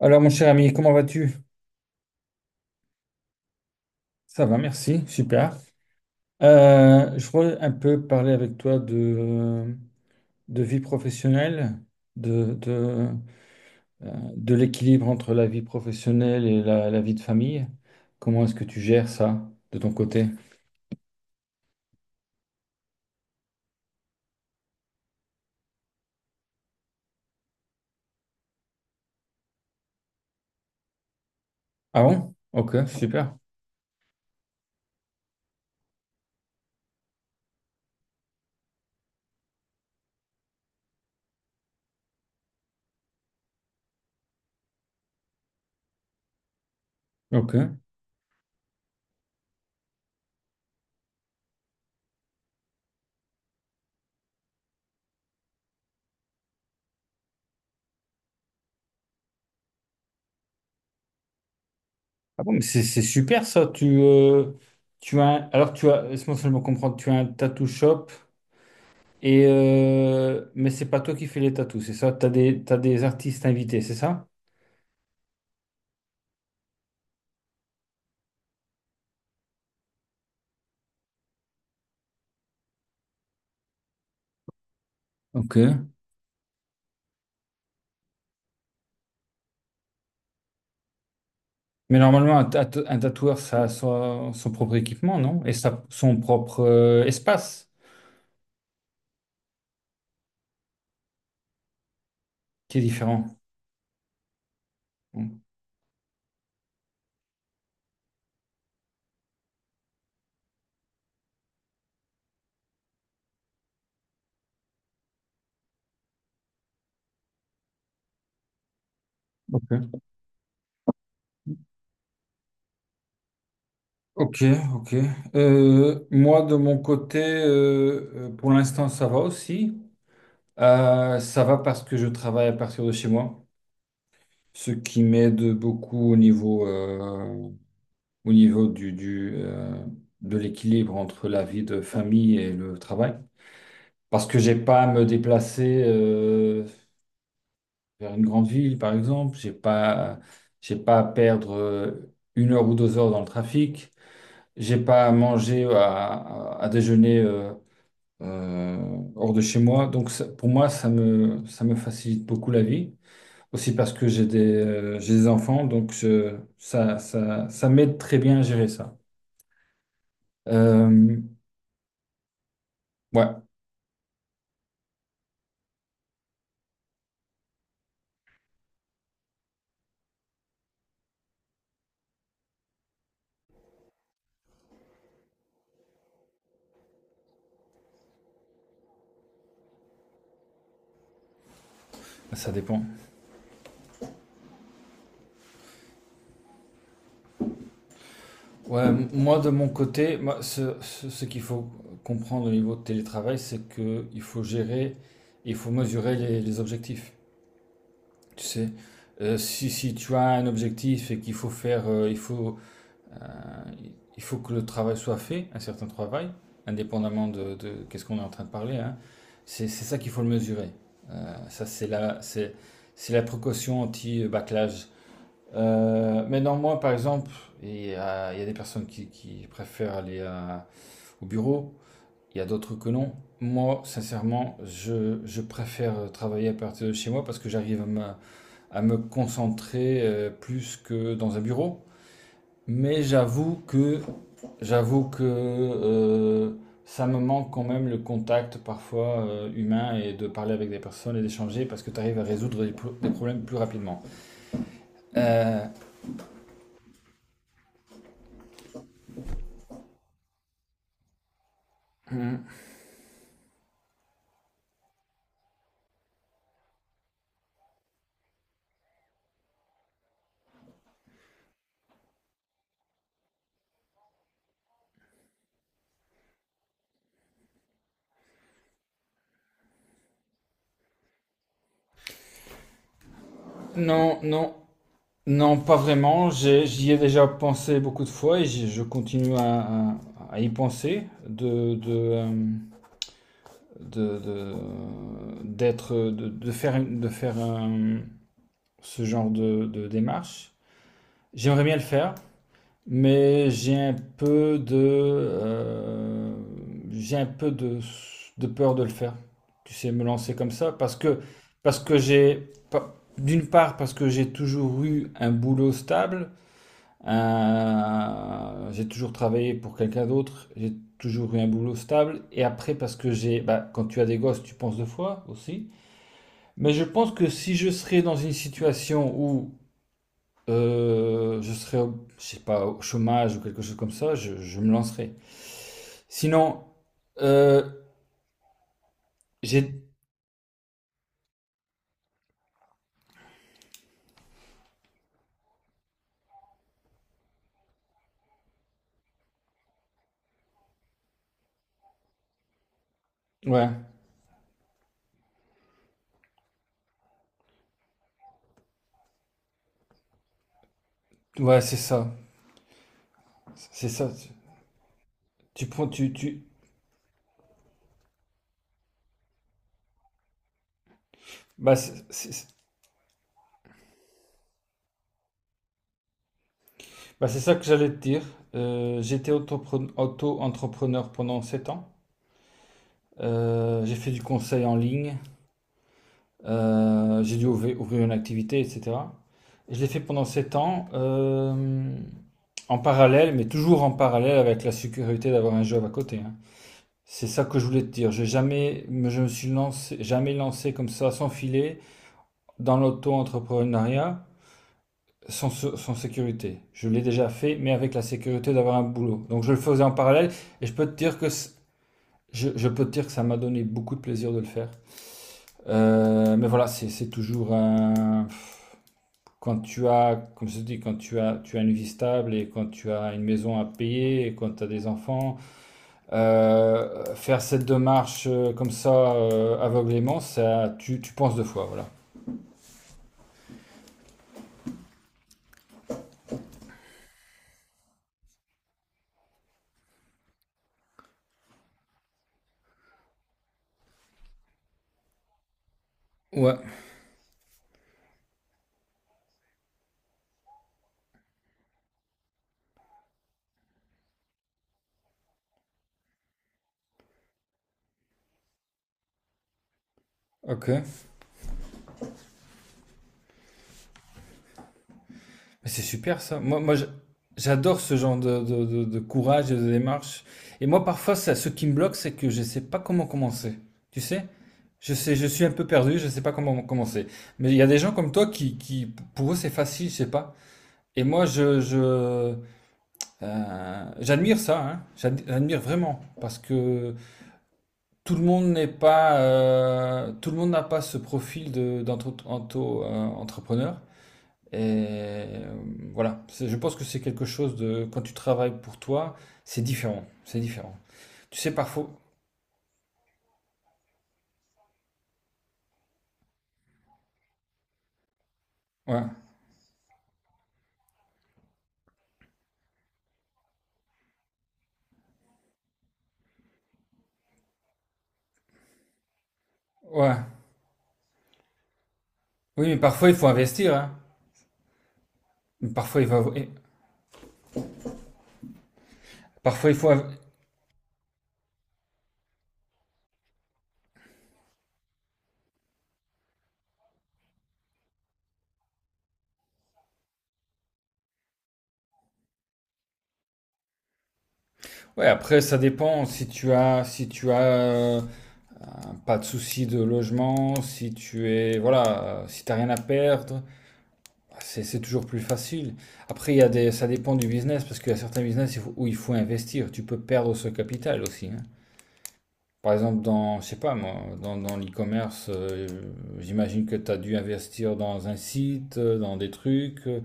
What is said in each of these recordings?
Alors, mon cher ami, comment vas-tu? Ça va, merci, super. Je voudrais un peu parler avec toi de vie professionnelle, de, de, de l'équilibre entre la vie professionnelle et la vie de famille. Comment est-ce que tu gères ça de ton côté? Ah bon? Ok, super. Ok. Ah bon, mais c'est super ça. Alors, tu as, laisse-moi seulement comprendre, tu as un tattoo shop. Mais c'est pas toi qui fais les tatous, c'est ça? T'as des artistes invités, c'est ça? Ok. Mais normalement, un tatoueur, ça a son propre équipement, non? Et son propre espace qui est différent. Mm. Ok, ok. Ok. Moi, de mon côté, pour l'instant, ça va aussi. Ça va parce que je travaille à partir de chez moi, ce qui m'aide beaucoup au niveau de l'équilibre entre la vie de famille et le travail. Parce que j'ai pas à me déplacer vers une grande ville, par exemple. J'ai pas à perdre 1 heure ou 2 heures dans le trafic. J'ai pas à manger, à déjeuner euh, hors de chez moi. Donc pour moi, ça me facilite beaucoup la vie. Aussi parce que j'ai des enfants, donc ça m'aide très bien à gérer ça. Euh, ouais. Ça dépend. Ouais, moi de mon côté, moi, ce qu'il faut comprendre au niveau de télétravail, c'est que il faut mesurer les objectifs. Tu sais, si tu as un objectif et qu'il faut faire, il faut que le travail soit fait, un certain travail, indépendamment de qu'est-ce qu'on est en train de parler, hein, c'est ça qu'il faut le mesurer. Ça, c'est la, C'est la précaution anti-backlash. Mais non, moi, par exemple, il y a des personnes qui préfèrent aller au bureau, il y a d'autres que non. Moi, sincèrement, je préfère travailler à partir de chez moi parce que j'arrive à me concentrer plus que dans un bureau. Mais j'avoue que ça me manque quand même le contact parfois humain et de parler avec des personnes et d'échanger parce que tu arrives à résoudre des problèmes plus rapidement. Euh, hum, non, non, non, pas vraiment. J'y ai déjà pensé beaucoup de fois et je continue à- à y penser, de, de, euh, de, de- de faire ce genre de démarche. J'aimerais bien le faire, mais j'ai un peu de peur de le faire. Tu sais, me lancer comme ça parce que j'ai, pas- d'une part, parce que j'ai toujours eu un boulot stable. J'ai toujours travaillé pour quelqu'un d'autre, j'ai toujours eu un boulot stable. Et après, parce que bah, quand tu as des gosses, tu penses deux fois aussi. Mais je pense que si je serais dans une situation où je sais pas, au chômage ou quelque chose comme ça, je me lancerais. Sinon, euh, j'ai, ouais, ouais, c'est ça, c'est ça. Tu prends, tu, bah, c'est- Bah, c'est ça que j'allais te dire. J'étais auto-entrepreneur pendant 7 ans. J'ai fait du conseil en ligne, j'ai dû ouvrir une activité, etc. Et je l'ai fait pendant 7 ans, en parallèle, mais toujours en parallèle avec la sécurité d'avoir un job à côté, hein. C'est ça que je voulais te dire. J'ai jamais, Je me suis lancé, jamais lancé comme ça, sans filet, dans l'auto-entrepreneuriat, sans, sans sécurité. Je l'ai déjà fait, mais avec la sécurité d'avoir un boulot. Donc je le faisais en parallèle, et je peux te dire que ça m'a donné beaucoup de plaisir de le faire. Mais voilà, c'est toujours un... Comme je te dis, quand tu as une vie stable et quand tu as une maison à payer et quand tu as des enfants, faire cette démarche comme ça aveuglément, ça, tu penses deux fois, voilà. Ouais, ok. Mais c'est super ça. Moi, j'adore ce genre de courage et de démarche. Et moi, parfois, ce qui me bloque, c'est que je ne sais pas comment commencer. Tu sais? Je sais, je suis un peu perdu, je ne sais pas comment commencer. Mais il y a des gens comme toi qui pour eux, c'est facile, je sais pas. Et moi, j'admire ça, hein. J'admire vraiment. Parce que tout le monde n'est pas, tout le monde n'a pas ce profil entrepreneur. Et euh, voilà. Je pense que c'est quelque chose de... Quand tu travailles pour toi, c'est différent. C'est différent. Tu sais, parfois... Ouais, ouais. Oui, mais parfois, il faut investir, hein. Parfois, il faut... Parfois, il faut... Ouais, après, ça dépend si tu as... Si tu as pas de soucis de logement, si tu es... Voilà. Si t'as rien à perdre, c'est toujours plus facile. Après, il y a des... Ça dépend du business, parce qu'il y a certains business où il faut investir. Tu peux perdre ce capital aussi, hein. Par exemple, je sais pas moi, dans l'e-commerce, j'imagine que tu as dû investir dans un site, dans des trucs,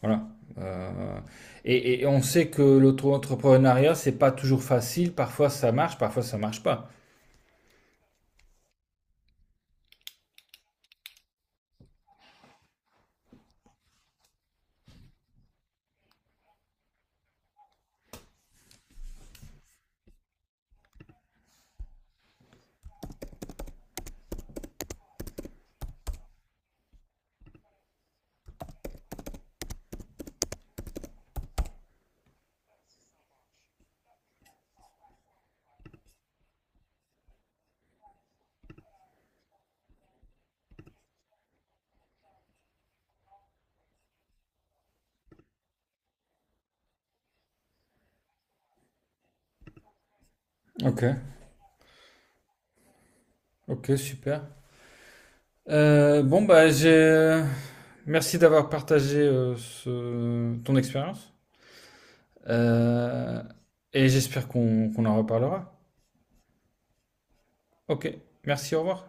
voilà. Euh, et on sait que l'auto-entrepreneuriat, c'est pas toujours facile. Parfois ça marche pas. Ok, ok, super. Bon, bah merci d'avoir partagé ton expérience. Euh, et j'espère qu'on en reparlera. Ok, merci, au revoir.